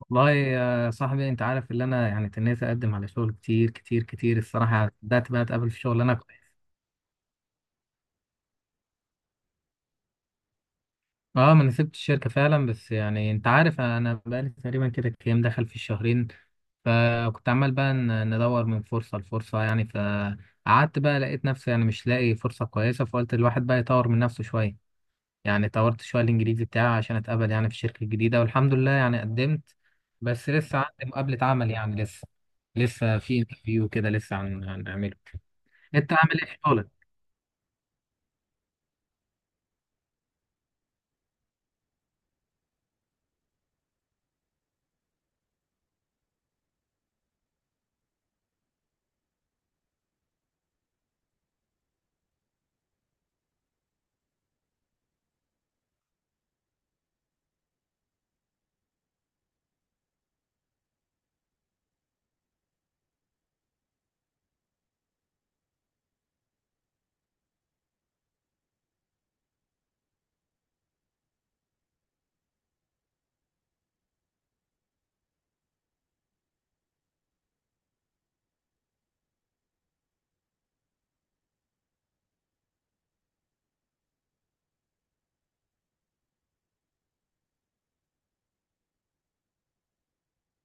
والله يا صاحبي، انت عارف اللي انا يعني تنيت اقدم على شغل كتير كتير كتير. الصراحه بدات بقى اتقابل في شغل. اه، ما انا سبت الشركه فعلا. بس يعني انت عارف انا بقالي تقريبا كده كام دخل في الشهرين. فكنت عمال بقى ندور من فرصه لفرصه، يعني. فقعدت بقى، لقيت نفسي يعني مش لاقي فرصه كويسه، فقلت الواحد بقى يطور من نفسه شويه. يعني طورت شويه الانجليزي بتاعي عشان اتقبل يعني في الشركه الجديده، والحمد لله يعني قدمت. بس لسه عندي مقابله عمل، يعني لسه في انترفيو كده، لسه هنعمله. انت عامل ايه في شغلك؟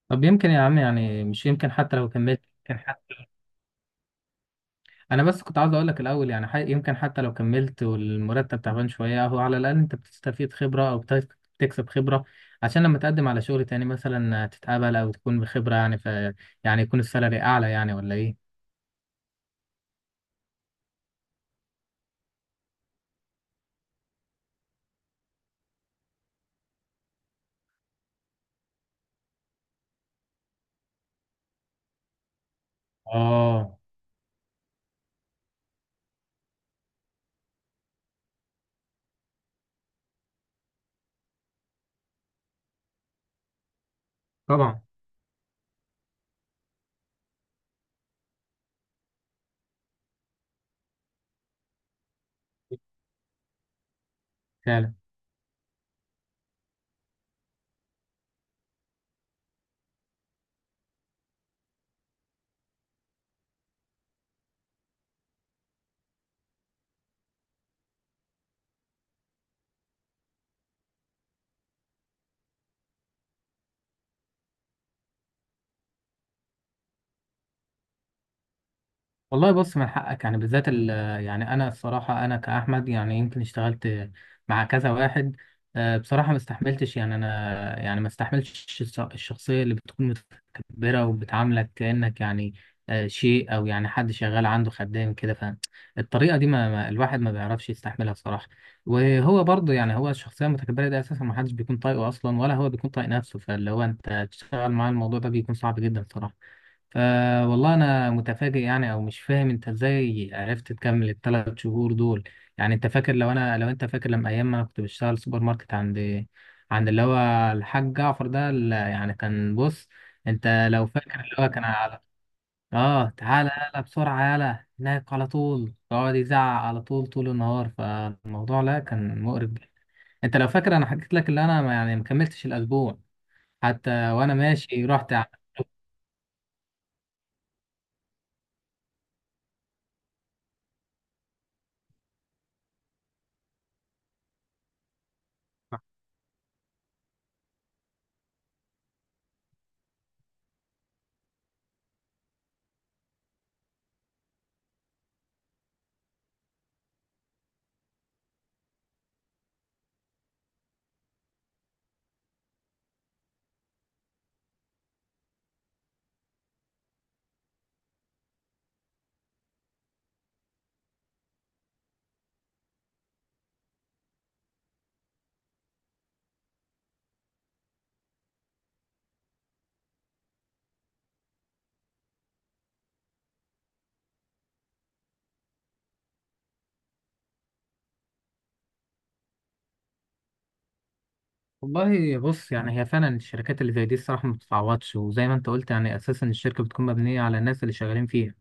طب يمكن يا عم، يعني مش يمكن حتى لو كملت، يمكن حتى... انا بس كنت عاوز اقول لك الاول، يعني يمكن حتى لو كملت والمرتب تعبان شويه، هو على الاقل انت بتستفيد خبره، او بتكسب خبره. عشان لما تقدم على شغل تاني مثلا تتقبل، او تكون بخبره، يعني ف يعني يكون السالري اعلى، يعني ولا ايه؟ اه طبعا فعلا. والله بص، من حقك يعني، بالذات يعني انا الصراحه، انا كاحمد يعني، يمكن اشتغلت مع كذا واحد. بصراحه ما استحملتش، يعني انا يعني ما استحملتش الشخصيه اللي بتكون متكبره وبتعاملك كانك يعني شيء، او يعني حد شغال عنده خدام كده. فالطريقه دي الواحد ما بيعرفش يستحملها الصراحه. وهو برضه، يعني هو الشخصيه المتكبره دي اساسا ما حدش بيكون طايقه اصلا، ولا هو بيكون طايق نفسه. فاللي هو انت تشتغل معاه الموضوع ده بيكون صعب جدا صراحه. فوالله انا متفاجئ يعني، او مش فاهم انت ازاي عرفت تكمل الثلاث شهور دول. يعني انت فاكر، لو انت فاكر لما ايام ما انا كنت بشتغل سوبر ماركت عند اللي هو الحاج جعفر ده، اللي يعني كان، بص. انت لو فاكر اللي هو كان على، اه تعالى يلا بسرعة يلا هناك على طول، يقعد يزعق على طول، طول النهار. فالموضوع لا، كان مقرف جدا. انت لو فاكر، انا حكيت لك اللي انا يعني ما كملتش الاسبوع حتى، وانا ماشي رحت. والله بص، يعني هي فعلا الشركات اللي زي دي الصراحة ما بتتعوضش. وزي ما انت قلت يعني، اساسا الشركة بتكون مبنية على الناس اللي شغالين فيها.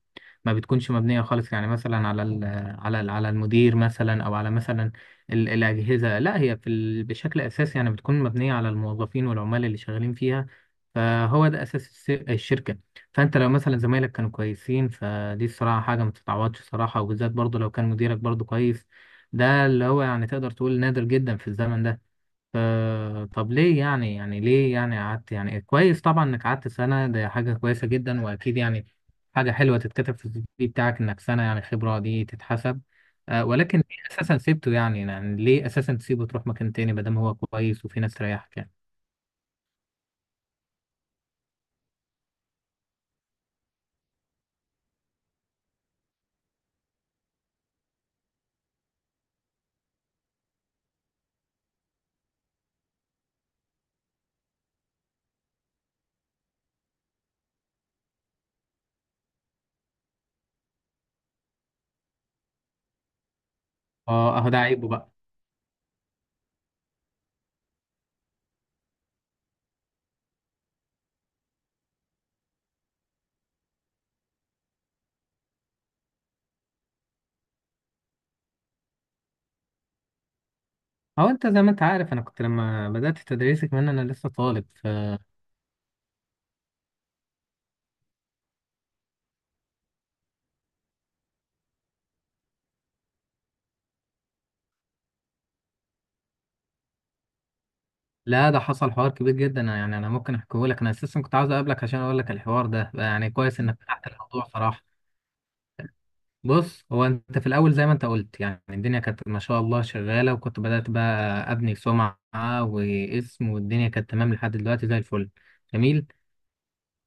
ما بتكونش مبنية خالص، يعني مثلا على ال على ال على المدير مثلا، او على مثلا الأجهزة. لا هي في ال بشكل اساسي يعني بتكون مبنية على الموظفين والعمال اللي شغالين فيها. فهو ده اساس الشركة. فانت لو مثلا زمايلك كانوا كويسين، فدي الصراحة حاجة ما تتعوضش، صراحة. وبالذات برضه لو كان مديرك برضه كويس، ده اللي هو يعني تقدر تقول نادر جدا في الزمن ده. طب ليه يعني ليه يعني قعدت. يعني كويس طبعا انك قعدت سنة، ده حاجة كويسة جدا. واكيد يعني حاجة حلوة تتكتب في السي في بتاعك انك سنة يعني، خبرة دي تتحسب. ولكن ليه اساسا سيبته يعني يعني ليه اساسا تسيبه تروح مكان تاني ما دام هو كويس وفي ناس تريحك، يعني؟ اه، اهو ده عيبه بقى. هو انت زي ما انت عارف، انا كنت لما بدأت تدريسي كمان انا لسه طالب، فلا. ده حصل حوار كبير جدا، يعني انا ممكن احكيه لك. انا اساسا كنت عاوز اقابلك عشان اقول لك الحوار ده. يعني كويس انك فتحت الموضوع صراحة. بص، هو انت في الاول زي ما انت قلت، يعني الدنيا كانت ما شاء الله شغاله، وكنت بدات بقى ابني سمعه واسم. والدنيا كانت تمام لحد دلوقتي زي الفل، جميل.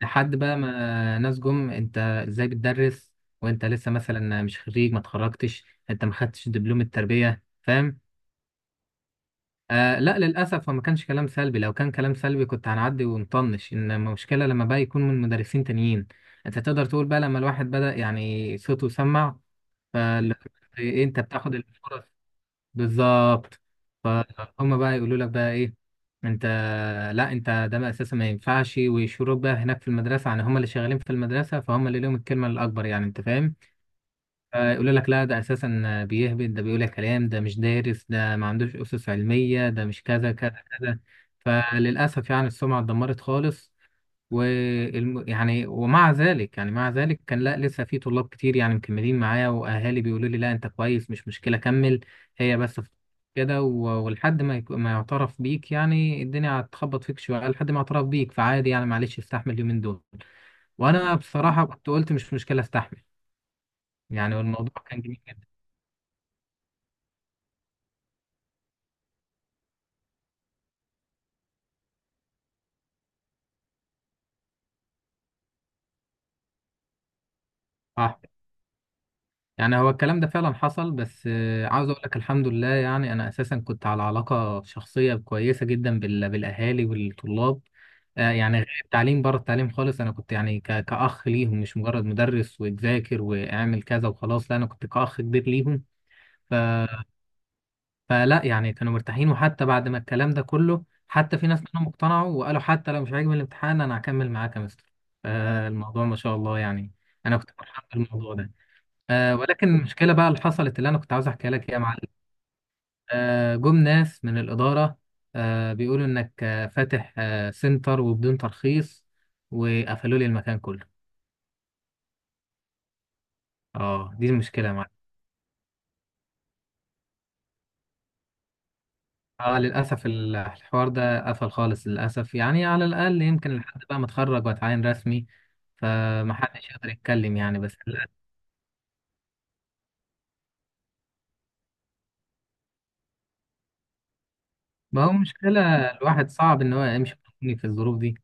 لحد بقى ما ناس جم: انت ازاي بتدرس وانت لسه مثلا مش خريج؟ ما اتخرجتش، انت ما خدتش دبلوم التربيه، فاهم؟ لا للاسف، هو ما كانش كلام سلبي. لو كان كلام سلبي كنت هنعدي ونطنش. ان المشكله لما بقى يكون من مدرسين تانيين، انت تقدر تقول بقى، لما الواحد بدا يعني صوته سمع. فاللي هو انت بتاخد الفرص. بالظبط. فهم بقى يقولوا لك بقى ايه، انت، لا انت، ده بقى اساسا ما ينفعش. ويشوروك بقى هناك في المدرسه، يعني هم اللي شغالين في المدرسه، فهم اللي لهم الكلمه الاكبر، يعني انت فاهم. يقول لك لا، ده اساسا بيهبد، ده بيقول كلام، ده مش دارس، ده ما عندوش اسس علميه، ده مش كذا كذا كذا. فللاسف يعني السمعه اتدمرت خالص. يعني ومع ذلك يعني مع ذلك كان لا، لسه في طلاب كتير يعني مكملين معايا، واهالي بيقولوا لي لا انت كويس، مش مشكله كمل. هي بس كده، ولحد ما ما يعترف بيك. يعني الدنيا هتخبط فيك شويه لحد ما يعترف بيك، فعادي يعني. معلش استحمل اليومين دول. وانا بصراحه كنت قلت مش مشكله استحمل. يعني الموضوع كان جميل جدا. صح. يعني هو الكلام ده فعلا حصل، بس عاوز اقول لك الحمد لله، يعني انا اساسا كنت على علاقه شخصيه كويسه جدا بالاهالي والطلاب. يعني غير التعليم، بره التعليم خالص، انا كنت يعني كاخ ليهم، مش مجرد مدرس وذاكر واعمل كذا وخلاص. لا انا كنت كاخ كبير ليهم. ف... فلا يعني كانوا مرتاحين. وحتى بعد ما الكلام ده كله، حتى في ناس كانوا مقتنعوا وقالوا حتى لو مش عاجبني الامتحان انا هكمل معاك يا مستر. فالموضوع ما شاء الله يعني، انا كنت فرحان بالموضوع ده. ولكن المشكلة بقى اللي حصلت، اللي أنا كنت عاوز أحكيها لك، إيه يا معلم. جم ناس من الإدارة بيقولوا إنك فاتح سنتر وبدون ترخيص، وقفلوا لي المكان كله. اه دي المشكلة يا معلم. اه للأسف الحوار ده قفل خالص للأسف. يعني على الأقل يمكن لحد بقى ما أتخرج وأتعين رسمي، فمحدش يقدر يتكلم يعني. بس للأسف. ما هو مشكلة، الواحد صعب إن هو يمشي في الظروف دي،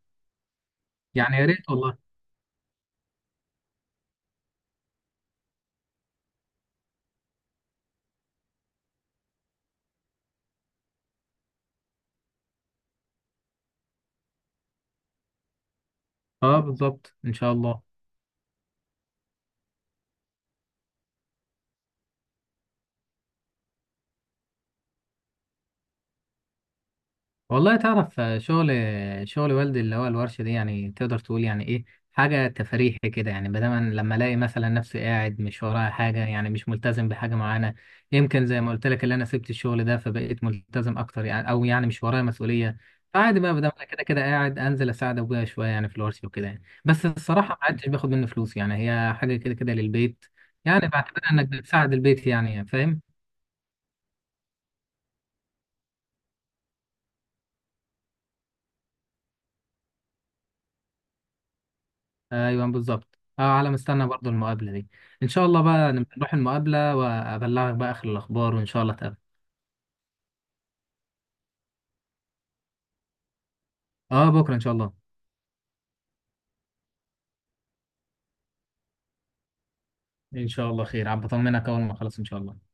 يعني يا ريت والله. اه بالظبط إن شاء الله. والله تعرف، شغل والدي اللي هو الورشة دي، يعني تقدر تقول يعني ايه، حاجة تفريحي كده. يعني بدل لما الاقي مثلا نفسي قاعد مش ورايا حاجة، يعني مش ملتزم بحاجة معينة. يمكن زي ما قلت لك، اللي انا سبت الشغل ده، فبقيت ملتزم اكتر يعني، او يعني مش ورايا مسؤولية. فعادي بقى، بدل ما انا كده كده قاعد، انزل اساعد ابويا شوية يعني في الورشة وكده، يعني بس الصراحة ما عدتش باخد منه فلوس. يعني هي حاجة كده كده للبيت، يعني بعتبرها انك بتساعد البيت، يعني فاهم. ايوه بالظبط. اه، على مستنى برضو المقابله دي. ان شاء الله بقى نبقى نروح المقابله وابلغك بقى اخر الاخبار، وان شاء الله تقابل. اه بكره ان شاء الله. ان شاء الله خير، عم، بطمنك اول ما اخلص ان شاء الله.